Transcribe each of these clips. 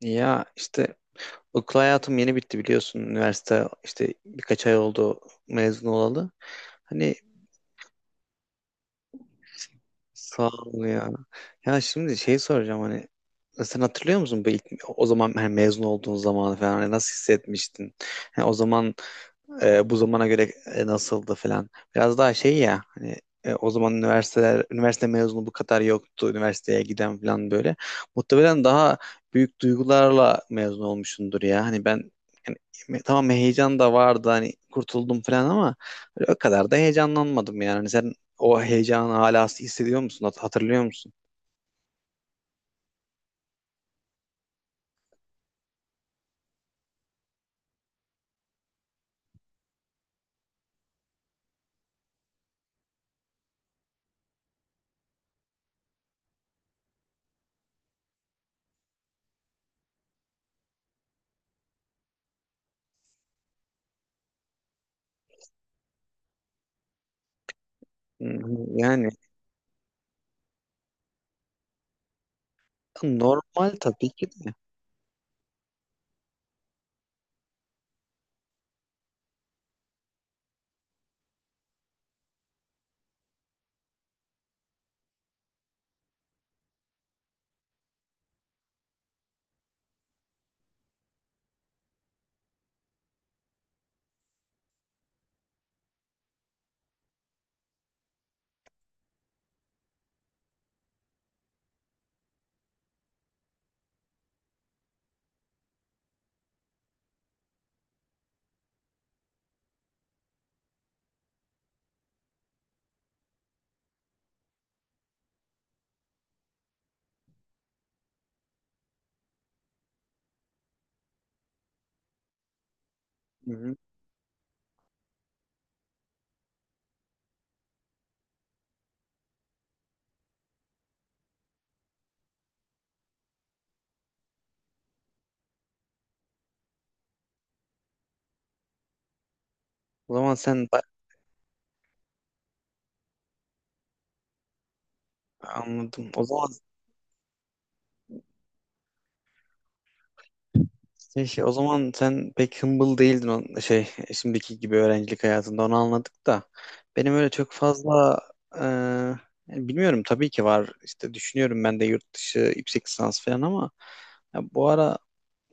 Ya işte okul hayatım yeni bitti biliyorsun. Üniversite işte birkaç ay oldu mezun olalı. Hani sağ ol ya. Ya şimdi şey soracağım hani sen hatırlıyor musun bu ilk, o zaman hani mezun olduğun zamanı falan hani nasıl hissetmiştin? Yani o zaman bu zamana göre nasıldı falan. Biraz daha şey ya hani o zaman üniversite mezunu bu kadar yoktu. Üniversiteye giden falan böyle. Muhtemelen daha büyük duygularla mezun olmuşsundur ya. Hani ben yani, tamam heyecan da vardı hani kurtuldum falan ama öyle o kadar da heyecanlanmadım yani. Hani sen o heyecanı hala hissediyor musun? Hatırlıyor musun? Hı hı. Yani normal tabii ki de. Hı hı. O zaman anladım. O zaman o zaman sen pek humble değildin, o şey şimdiki gibi. Öğrencilik hayatında onu anladık da benim öyle çok fazla e, yani bilmiyorum, tabii ki var işte, düşünüyorum ben de yurt dışı yüksek lisans falan ama ya bu ara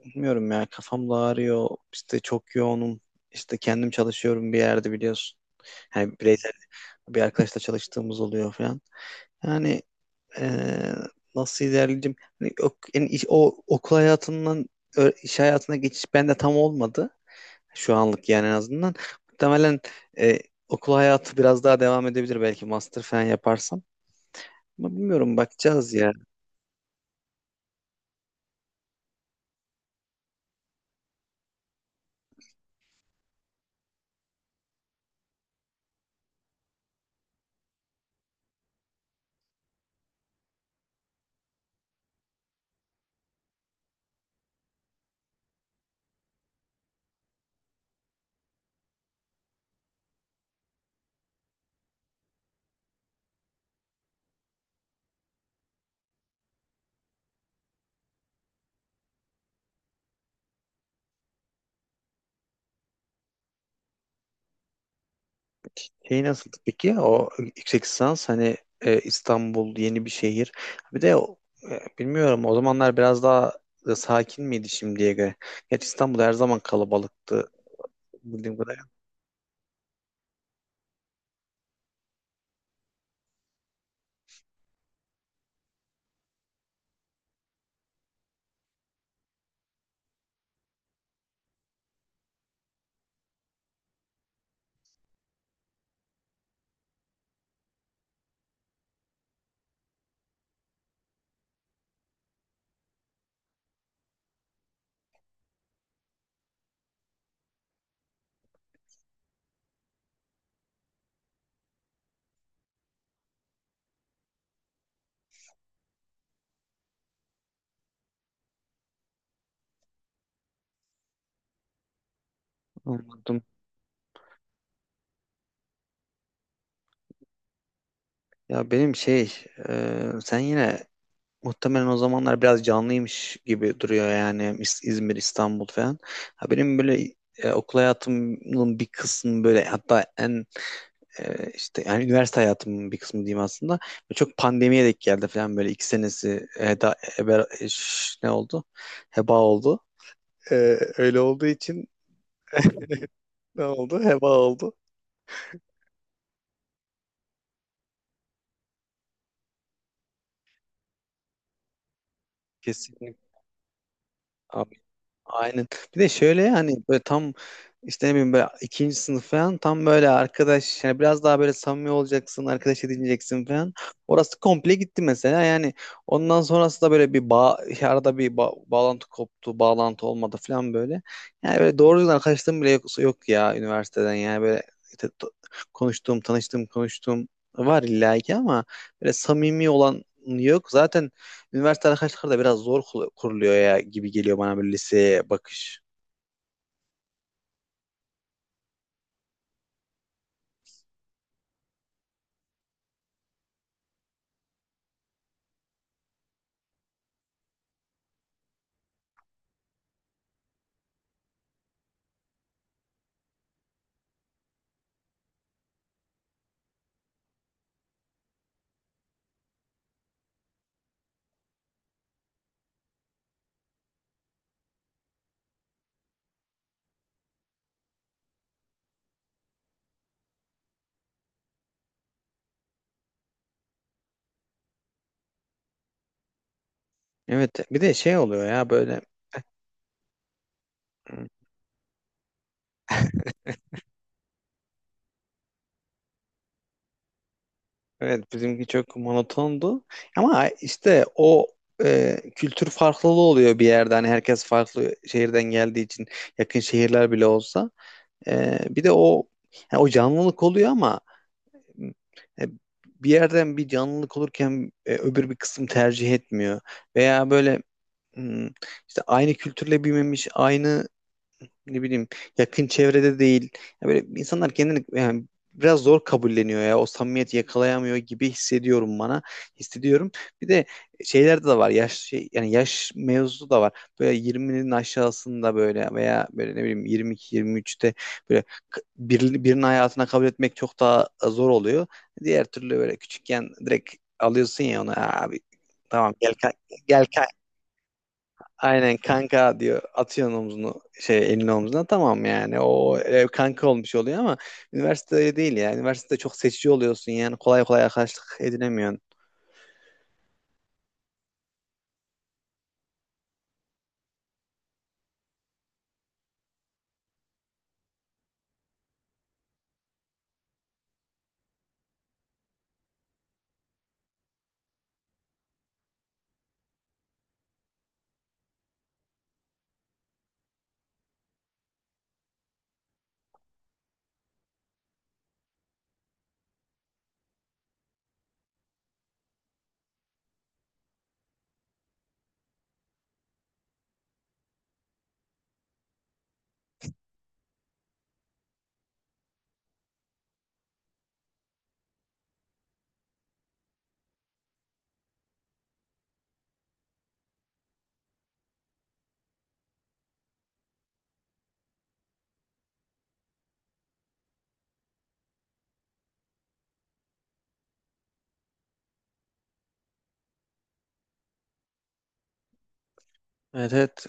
bilmiyorum ya, kafam da ağrıyor işte, çok yoğunum, işte kendim çalışıyorum bir yerde biliyorsun, yani bireysel bir arkadaşla çalıştığımız oluyor falan. Yani eee, nasıl ilerleyeceğim? Hani o, yani o okul hayatından iş hayatına geçiş bende tam olmadı. Şu anlık yani en azından. Muhtemelen e, okul hayatı biraz daha devam edebilir belki, master falan yaparsam. Ama bilmiyorum, bakacağız ya. Şey nasıldı peki? O yüksek lisans hani, İstanbul yeni bir şehir. Bir de bilmiyorum, o zamanlar biraz daha sakin miydi şimdiye göre? Gerçi İstanbul her zaman kalabalıktı bildiğim kadarıyla. Anladım. Ya benim şey, sen yine muhtemelen o zamanlar biraz canlıymış gibi duruyor yani, İzmir, İstanbul falan. Ha benim böyle okul hayatımın bir kısmı böyle, hatta en işte yani üniversite hayatımın bir kısmı diyeyim aslında. Böyle çok pandemiye denk geldi falan, böyle 2 senesi ne oldu? Heba oldu. E, Öyle olduğu için ne oldu? Heba oldu. Kesinlikle. Aynen. Bir de şöyle hani, böyle tam işte, ne bileyim böyle ikinci sınıf falan, tam böyle arkadaş yani biraz daha böyle samimi olacaksın, arkadaş edineceksin falan. Orası komple gitti mesela. Yani ondan sonrası da böyle bir bağ, arada bir bağlantı koptu, bağlantı olmadı falan böyle. Yani böyle doğru düzgün arkadaşlığım bile yok, yok ya üniversiteden, yani böyle işte konuştuğum, tanıştığım, konuştuğum var illa ki ama böyle samimi olan yok. Zaten üniversite arkadaşlıkları da biraz zor kuruluyor ya, gibi geliyor bana, böyle liseye bakış. Evet, bir de şey oluyor ya böyle. Evet, bizimki çok monotondu ama işte o kültür farklılığı oluyor bir yerde, hani herkes farklı şehirden geldiği için, yakın şehirler bile olsa. Bir de o, yani o canlılık oluyor ama e, bir yerden bir canlılık olurken öbür bir kısım tercih etmiyor veya böyle, hmm, işte aynı kültürle büyümemiş, aynı ne bileyim, yakın çevrede değil. Ya böyle insanlar kendini yani biraz zor kabulleniyor ya, o samimiyeti yakalayamıyor gibi hissediyorum bana. Hissediyorum. Bir de şeylerde de var. Yaş şey, yani yaş mevzusu da var. Böyle 20'nin aşağısında böyle, veya böyle ne bileyim 22 23'te böyle birinin hayatına kabul etmek çok daha zor oluyor. Diğer türlü böyle küçükken direkt alıyorsun ya onu, "Aa abi, tamam gel gel." Aynen kanka diyor, atıyorsun omzunu, şey, elini omzuna, tamam, yani o kanka olmuş oluyor. Ama üniversitede değil ya, üniversitede çok seçici oluyorsun, yani kolay kolay arkadaşlık edinemiyorsun. Evet, evet,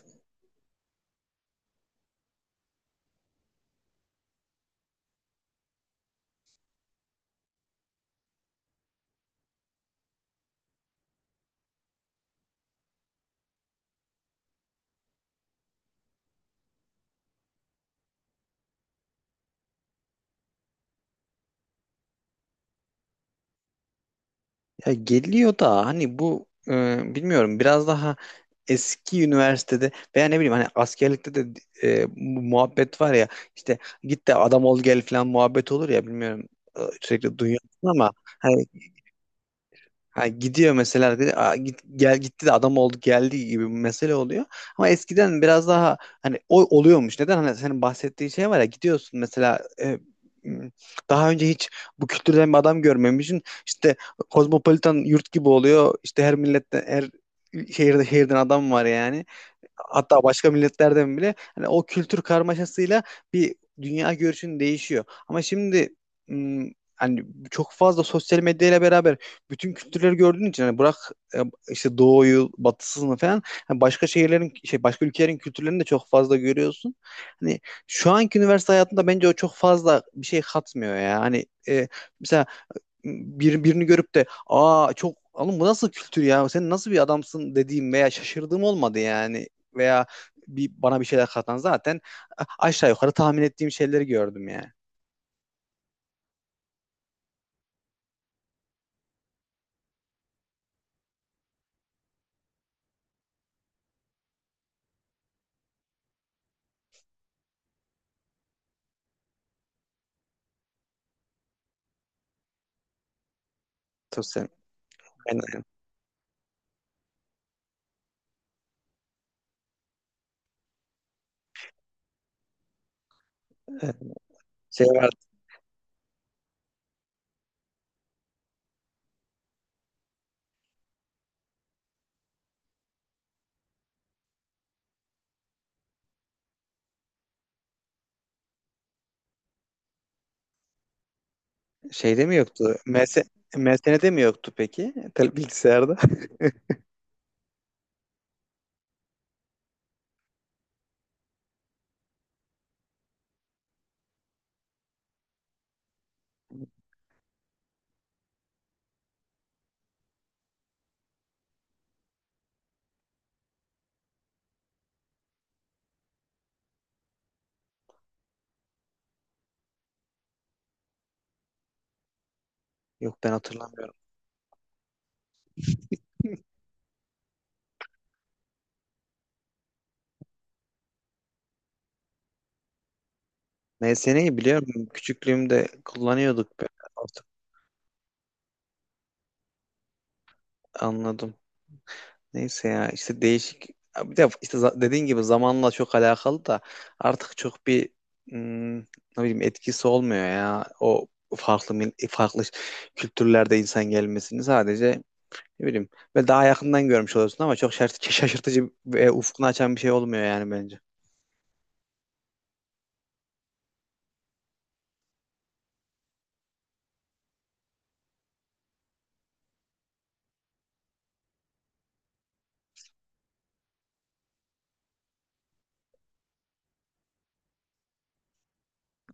ya geliyor da hani bu bilmiyorum, biraz daha eski üniversitede veya ne bileyim hani askerlikte de bu muhabbet var ya, işte "git de adam ol gel" falan muhabbet olur ya, bilmiyorum, sürekli duyuyorsun ama hani. Ha, gidiyor mesela arkadaş, "Aa, git, gel, gitti de adam oldu geldi" gibi bir mesele oluyor. Ama eskiden biraz daha hani o oluyormuş. Neden? Hani senin bahsettiğin şey var ya, gidiyorsun mesela m, daha önce hiç bu kültürden bir adam görmemişsin. İşte kozmopolitan yurt gibi oluyor, İşte her milletten, her şehirden adam var yani, hatta başka milletlerden bile, hani o kültür karmaşasıyla bir dünya görüşün değişiyor. Ama şimdi hani çok fazla sosyal medyayla beraber bütün kültürleri gördüğün için, hani bırak e, işte doğuyu, batısını falan, hani başka şehirlerin, şey, başka ülkelerin kültürlerini de çok fazla görüyorsun. Hani şu anki üniversite hayatında bence o çok fazla bir şey katmıyor ya. Hani mesela birini görüp de "aa çok oğlum bu nasıl kültür ya, sen nasıl bir adamsın" dediğim veya şaşırdığım olmadı yani. Veya bir bana bir şeyler katan, zaten aşağı yukarı tahmin ettiğim şeyleri gördüm yani. Tosya- Aynen. Ee, Şey var, şeyde mi yoktu? MSN'de mi yoktu peki? Bilgisayarda. Yok ben hatırlamıyorum. MSN'yi biliyorum. Küçüklüğümde kullanıyorduk be. Artık anladım. Neyse ya işte, değişik. Bir de işte dediğin gibi zamanla çok alakalı da, artık çok bir ne bileyim etkisi olmuyor ya o farklı farklı kültürlerde insan gelmesini, sadece ne bileyim ve daha yakından görmüş oluyorsun ama çok şaşırtıcı ve ufkunu açan bir şey olmuyor yani bence.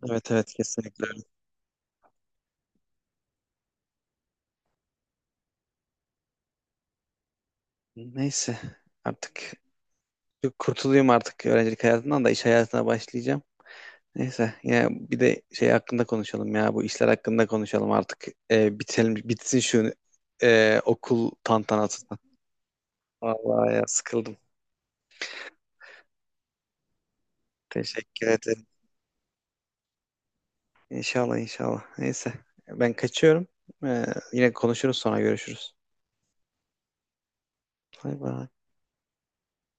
Evet, evet, kesinlikle. Öyle. Neyse artık kurtulayım artık öğrencilik hayatından da, iş hayatına başlayacağım. Neyse ya, bir de şey hakkında konuşalım ya, bu işler hakkında konuşalım artık. Bitelim bitsin şu okul tantanası. Vallahi ya, sıkıldım. Teşekkür ederim. İnşallah inşallah. Neyse ben kaçıyorum. Ee, Yine konuşuruz, sonra görüşürüz. Bay bay.